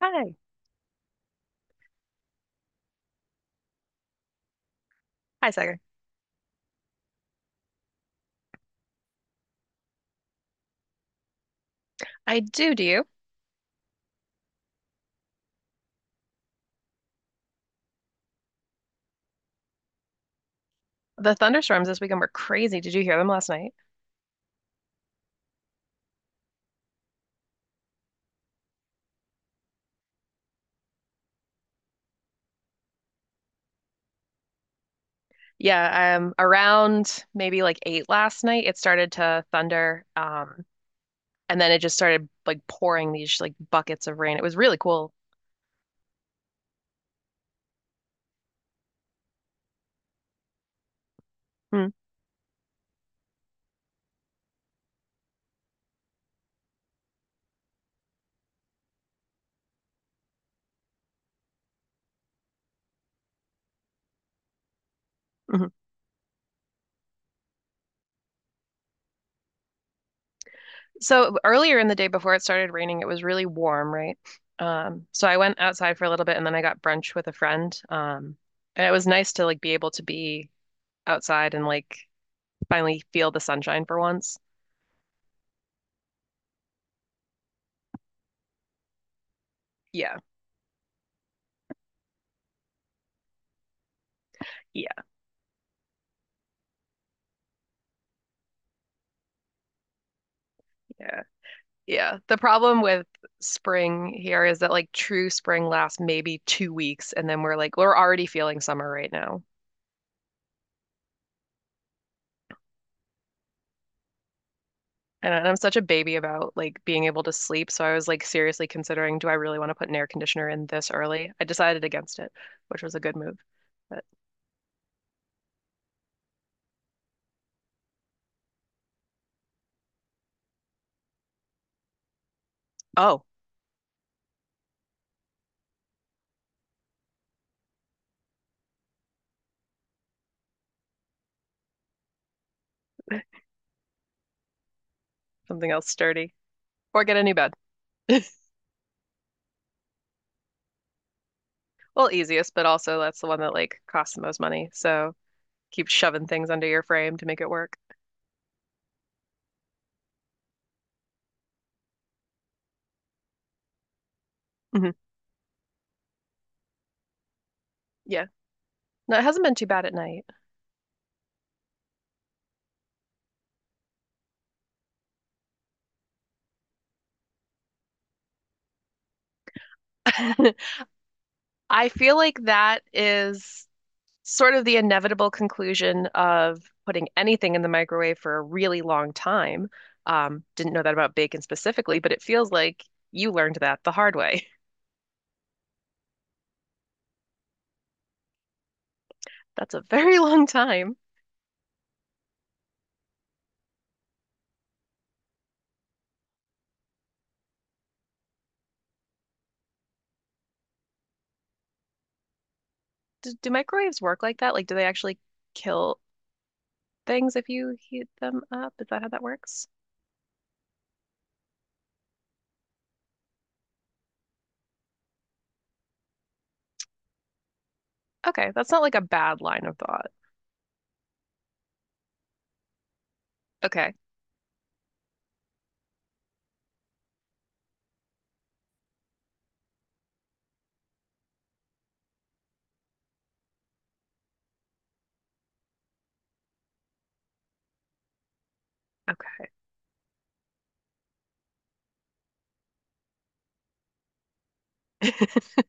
Hi. Hi, Sagar. I do, do you? The thunderstorms this weekend were crazy. Did you hear them last night? Yeah, Around maybe like eight last night, it started to thunder, and then it just started like pouring these like buckets of rain. It was really cool. Mm, mhm. So earlier in the day before it started raining, it was really warm, right? So I went outside for a little bit and then I got brunch with a friend. And it was nice to like be able to be outside and like finally feel the sunshine for once. Yeah. Yeah. Yeah. Yeah. The problem with spring here is that like true spring lasts maybe 2 weeks and then we're already feeling summer right now. And I'm such a baby about like being able to sleep, so I was like seriously considering, do I really want to put an air conditioner in this early? I decided against it, which was a good move. But oh, something else sturdy. Or get a new bed. Well, easiest, but also that's the one that like costs the most money. So keep shoving things under your frame to make it work. Hmm. Yeah. No, it hasn't been too bad at night. I feel like that is sort of the inevitable conclusion of putting anything in the microwave for a really long time. Didn't know that about bacon specifically, but it feels like you learned that the hard way. That's a very long time. Do microwaves work like that? Like, do they actually kill things if you heat them up? Is that how that works? Okay, that's not like a bad line of thought. Okay, okay.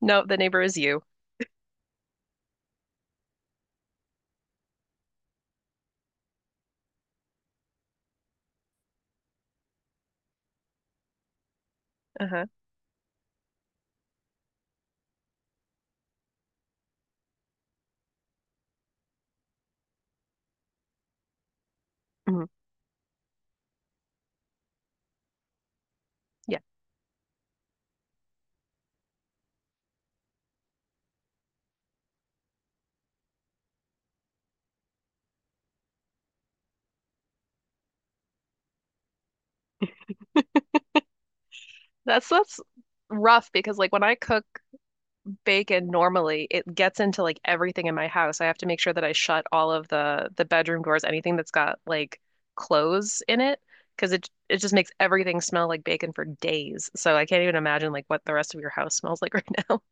No, the neighbor is you. Uh-huh. Mhm. Yeah. That's rough because like when I cook bacon normally, it gets into like everything in my house. I have to make sure that I shut all of the bedroom doors, anything that's got like clothes in it, because it just makes everything smell like bacon for days. So I can't even imagine like what the rest of your house smells like right now.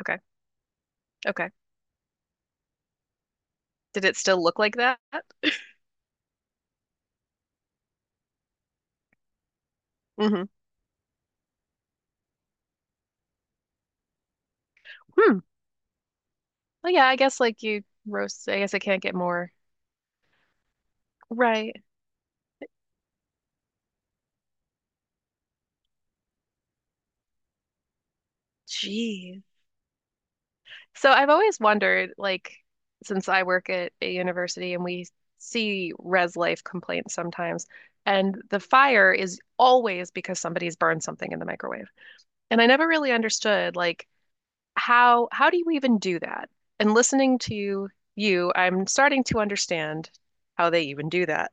Okay. Okay. Did it still look like that? Mm-hmm. Hmm. Well, yeah, I guess like you roast, I guess I can't get more. Right. Jeez. So I've always wondered, like, since I work at a university and we see res life complaints sometimes, and the fire is always because somebody's burned something in the microwave. And I never really understood, like, how do you even do that? And listening to you, I'm starting to understand how they even do that.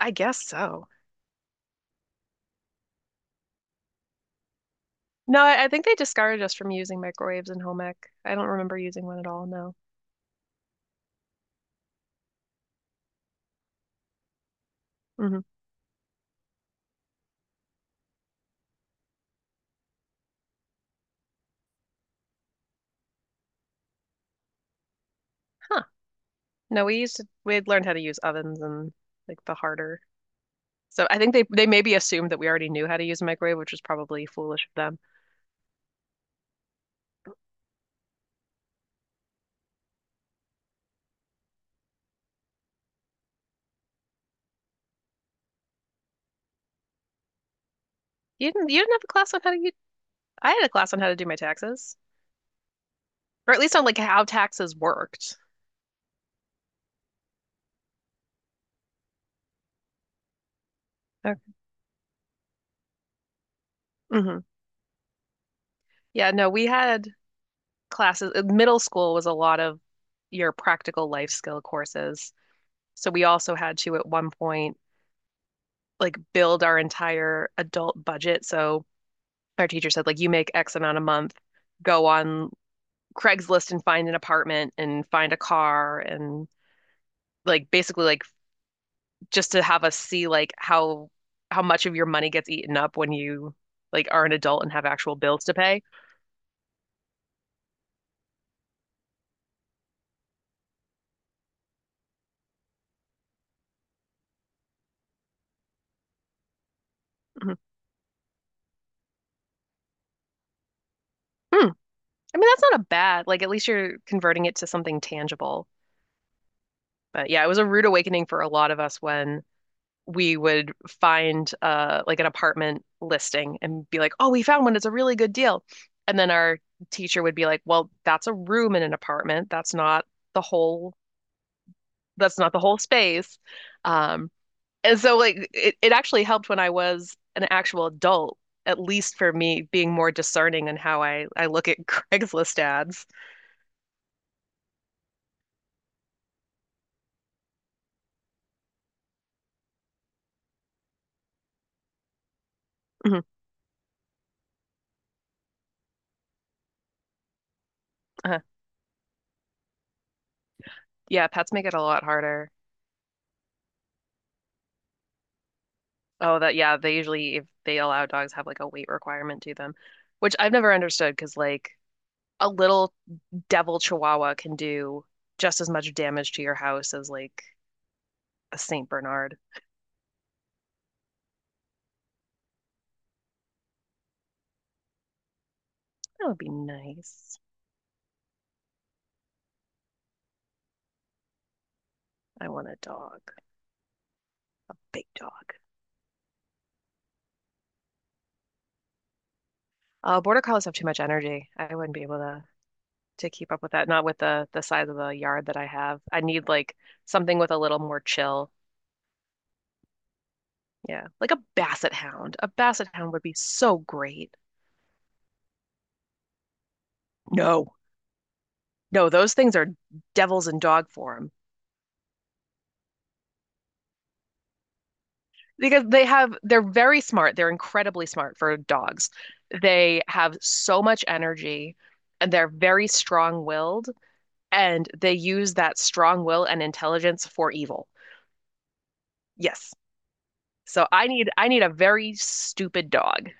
I guess so. No, I think they discouraged us from using microwaves in home ec. I don't remember using one at all, no. Hmm. Huh. No, we used to, We had learned how to use ovens and like the harder. So I think they maybe assumed that we already knew how to use a microwave, which was probably foolish of them. You didn't have a class on how to use, I had a class on how to do my taxes, or at least on like how taxes worked. Okay. Hmm. Yeah, no, we had classes. Middle school was a lot of your practical life skill courses. So we also had to at one point like build our entire adult budget. So our teacher said, like, you make X amount a month, go on Craigslist and find an apartment and find a car, and like basically like just to have us see like how much of your money gets eaten up when you like are an adult and have actual bills to pay. Mhm. Hmm. I mean, that's not a bad, like at least you're converting it to something tangible. But yeah, it was a rude awakening for a lot of us when we would find like an apartment listing and be like, "Oh, we found one. It's a really good deal." And then our teacher would be like, "Well, that's a room in an apartment. That's not the whole, that's not the whole space. Um, and so like it actually helped when I was an actual adult, at least for me being more discerning in how I look at Craigslist ads. Mhm. Uh-huh. Yeah, pets make it a lot harder. Oh, that, yeah, they usually if they allow dogs have like a weight requirement to them, which I've never understood because like a little devil chihuahua can do just as much damage to your house as like a Saint Bernard. That would be nice. I want a dog, big dog. Border collies have too much energy. I wouldn't be able to keep up with that. Not with the size of the yard that I have. I need like something with a little more chill. Yeah, like a basset hound. A basset hound would be so great. No, no, those things are devils in dog form because they have they're very smart. They're incredibly smart for dogs. They have so much energy and they're very strong-willed and they use that strong will and intelligence for evil. Yes. So I need a very stupid dog.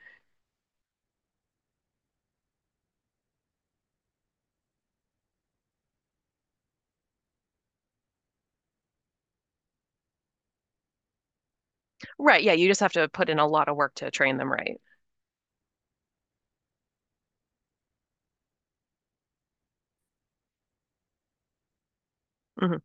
Right, yeah, you just have to put in a lot of work to train them right. Hmm.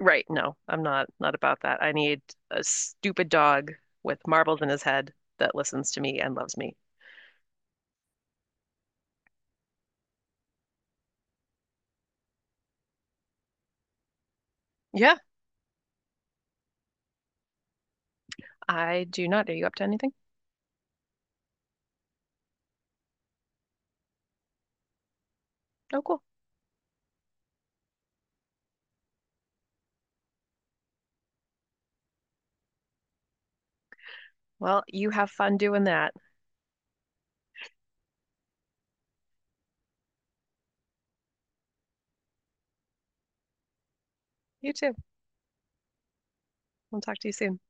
Right, no, I'm not not about that. I need a stupid dog with marbles in his head that listens to me and loves me. Yeah, I do not. Are you up to anything? Oh, cool. Well, you have fun doing that. You too. We'll talk to you soon.